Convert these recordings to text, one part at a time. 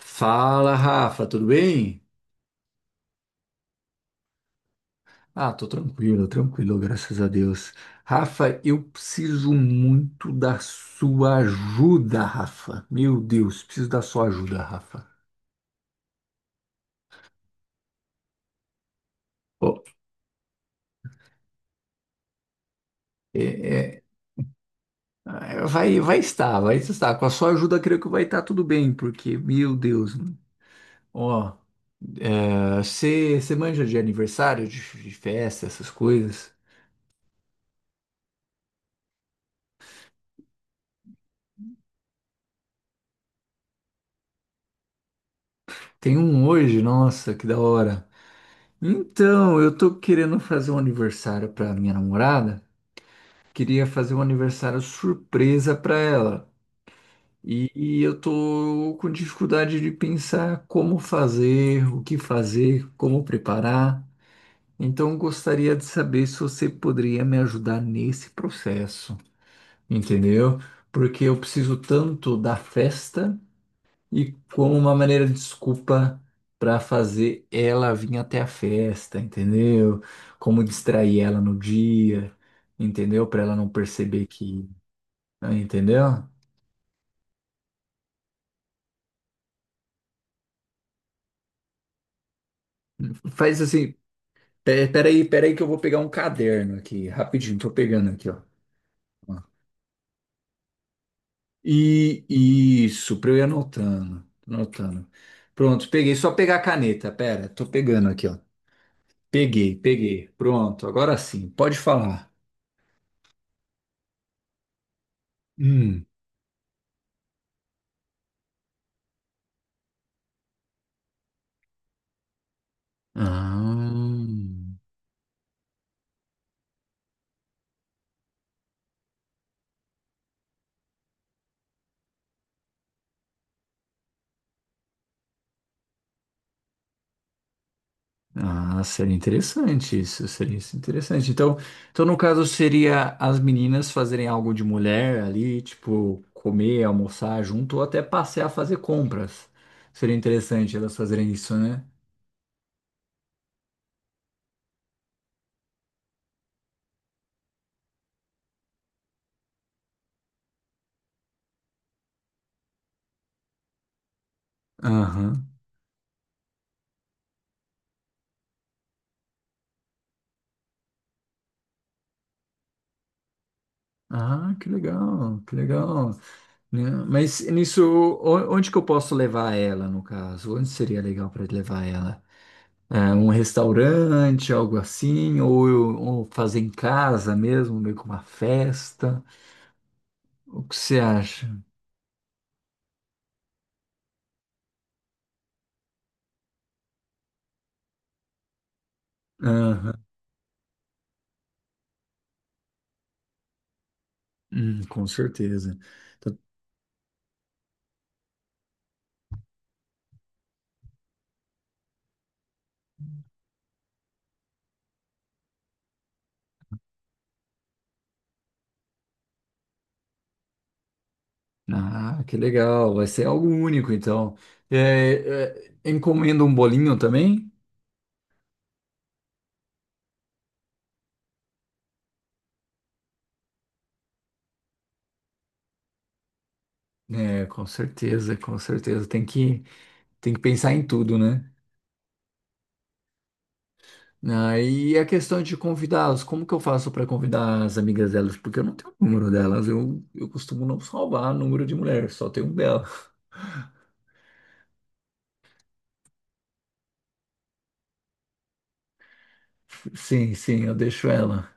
Fala, Rafa, tudo bem? Ah, tô tranquilo, tranquilo, graças a Deus. Rafa, eu preciso muito da sua ajuda, Rafa. Meu Deus, preciso da sua ajuda, Rafa. Ó, é, é, é, vai estar. Com a sua ajuda, creio que vai estar tudo bem, porque, meu Deus, mano. Ó, você manja de aniversário, de festa, essas coisas? Tem um hoje, nossa, que da hora. Então, eu tô querendo fazer um aniversário pra minha namorada. Queria fazer um aniversário surpresa para ela. E eu tô com dificuldade de pensar como fazer, o que fazer, como preparar. Então, eu gostaria de saber se você poderia me ajudar nesse processo, entendeu? Porque eu preciso tanto da festa e como uma maneira de desculpa para fazer ela vir até a festa, entendeu? Como distrair ela no dia, entendeu? Para ela não perceber que, entendeu? Faz assim, peraí que eu vou pegar um caderno aqui, rapidinho, tô pegando aqui, ó. Ó. E isso, pra eu ir anotando, anotando. Pronto, peguei, só pegar a caneta, pera, tô pegando aqui, ó. Peguei, peguei, pronto, agora sim, pode falar. Hum. Ah. Ah, seria interessante isso, seria isso interessante. Então, no caso, seria as meninas fazerem algo de mulher ali, tipo, comer, almoçar junto, ou até passear, fazer compras. Seria interessante elas fazerem isso, né? Aham. Ah, que legal, que legal. Né? Mas nisso, onde que eu posso levar ela, no caso? Onde seria legal para levar ela? É, um restaurante, algo assim, ou fazer em casa mesmo, meio que uma festa? O que você acha? Aham. Com certeza. Tá- Ah, que legal. Vai ser algo único, então. Encomenda um bolinho também? É, com certeza, com certeza. Tem que pensar em tudo, né? Ah, e a questão de convidá-los, como que eu faço para convidar as amigas delas? Porque eu não tenho o número delas, eu costumo não salvar número de mulher, só tenho um dela. Sim, sim, eu deixo ela.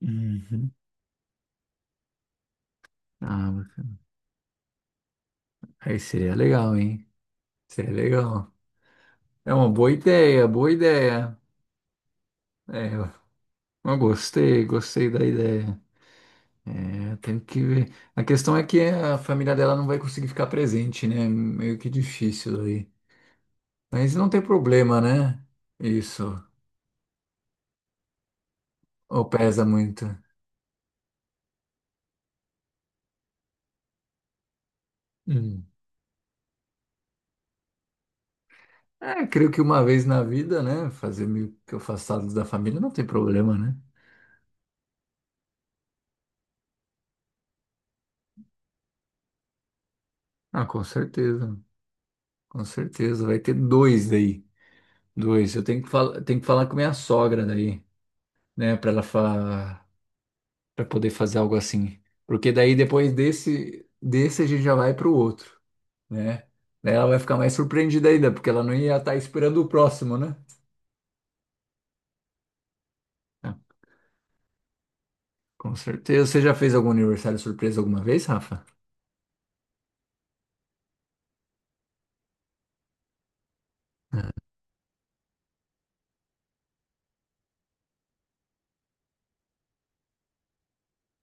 Uhum. Ah, aí seria legal, hein? Seria legal. É uma boa ideia, boa ideia. É, eu gostei, gostei da ideia. É, tenho que ver. A questão é que a família dela não vai conseguir ficar presente, né? Meio que difícil aí. Mas não tem problema, né? Isso. Ou pesa muito. Hum. É, creio que uma vez na vida, né? Fazer meio que afastado da família não tem problema, né? Ah, com certeza. Com certeza. Vai ter dois daí. Dois. Eu tenho que falar com minha sogra daí, né? Pra ela fa. Para poder fazer algo assim. Porque daí depois desse a gente já vai para o outro, né? Daí ela vai ficar mais surpreendida ainda, porque ela não ia estar esperando o próximo, né? Ah, com certeza. Você já fez algum aniversário surpresa alguma vez, Rafa?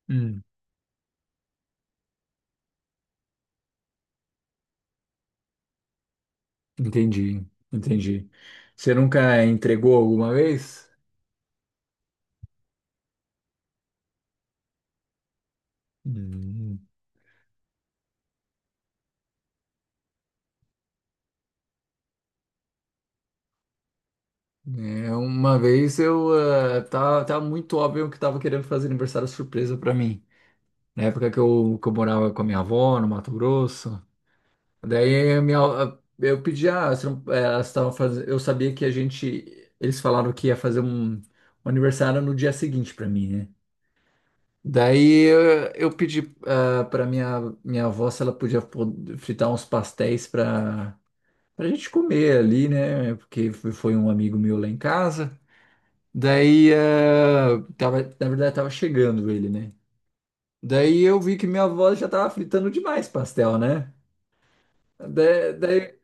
Hum, entendi, entendi. Você nunca entregou alguma vez? Hum. É, uma vez eu tá muito óbvio que tava querendo fazer aniversário surpresa para mim. Na época que eu morava com a minha avó no Mato Grosso. Daí eu pedi, elas estavam fazendo. Eu sabia que a gente. Eles falaram que ia fazer um aniversário no dia seguinte pra mim, né? Daí eu pedi pra minha avó se ela podia fritar uns pastéis pra gente comer ali, né? Porque foi um amigo meu lá em casa. Daí, na verdade, tava chegando ele, né? Daí eu vi que minha avó já tava fritando demais pastel, né? Daí,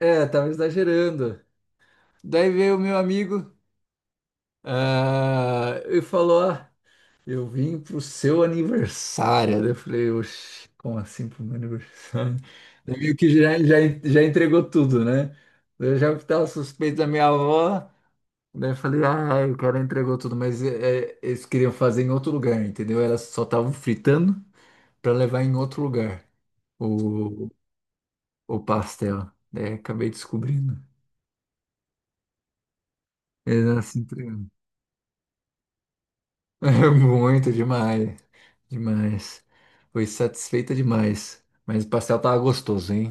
tava exagerando. Daí veio o meu amigo, e falou: Ah, eu vim pro seu aniversário. Daí eu falei: Oxi, como assim pro meu aniversário? Daí meio que já entregou tudo, né? Daí eu já tava suspeito da minha avó. Daí eu falei: Ah, o cara entregou tudo, mas eles queriam fazer em outro lugar, entendeu? Elas só estavam fritando para levar em outro lugar o, o pastel. Daí acabei descobrindo. Eles assim, Muito demais. Demais. Foi satisfeita demais. Mas o pastel tava gostoso, hein?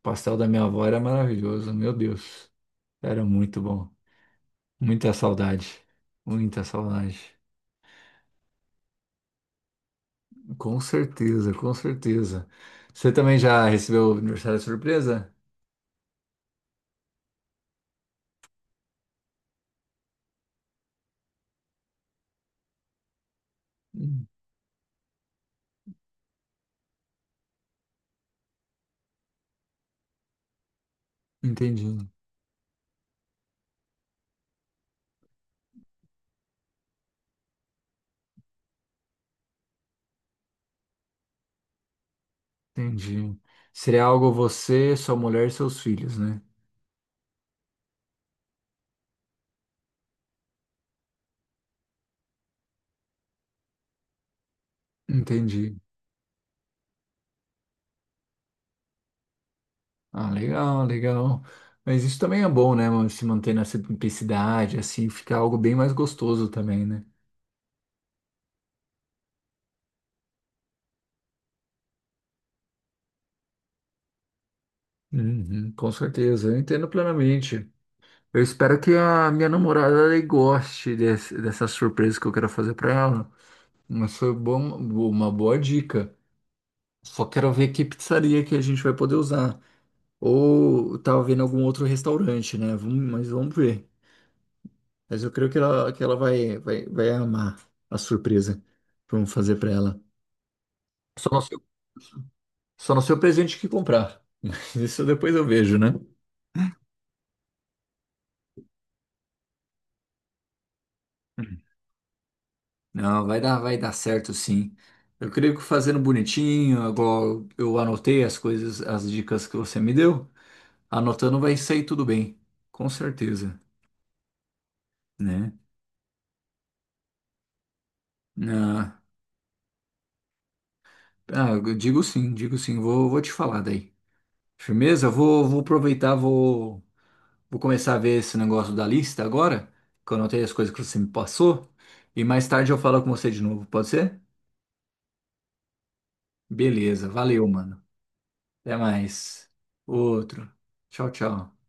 O pastel da minha avó era maravilhoso, meu Deus. Era muito bom. Muita saudade. Muita saudade. Com certeza, com certeza. Você também já recebeu o aniversário de surpresa? Hum, entendi, entendi. Seria algo você, sua mulher e seus filhos, né? Entendi. Ah, legal, legal. Mas isso também é bom, né, mano? Se manter na simplicidade, assim, fica algo bem mais gostoso também, né? Uhum, com certeza, eu entendo plenamente. Eu espero que a minha namorada ela goste dessa surpresa que eu quero fazer pra ela. Mas foi bom, uma boa dica. Só quero ver que pizzaria que a gente vai poder usar. Ou tava vendo algum outro restaurante, né? Vamos, mas vamos ver. Mas eu creio que ela, vai amar a surpresa que vamos fazer pra ela. Só não sei, só não sei o presente que comprar. Mas isso depois eu vejo, né? Não, vai dar certo sim. Eu creio que fazendo bonitinho, agora eu anotei as coisas, as dicas que você me deu. Anotando vai sair tudo bem, com certeza, né? Ah, ah, eu digo sim, vou te falar daí. Firmeza? Vou aproveitar, vou começar a ver esse negócio da lista agora, que eu anotei as coisas que você me passou, e mais tarde eu falo com você de novo, pode ser? Beleza, valeu, mano. Até mais. Outro. Tchau, tchau.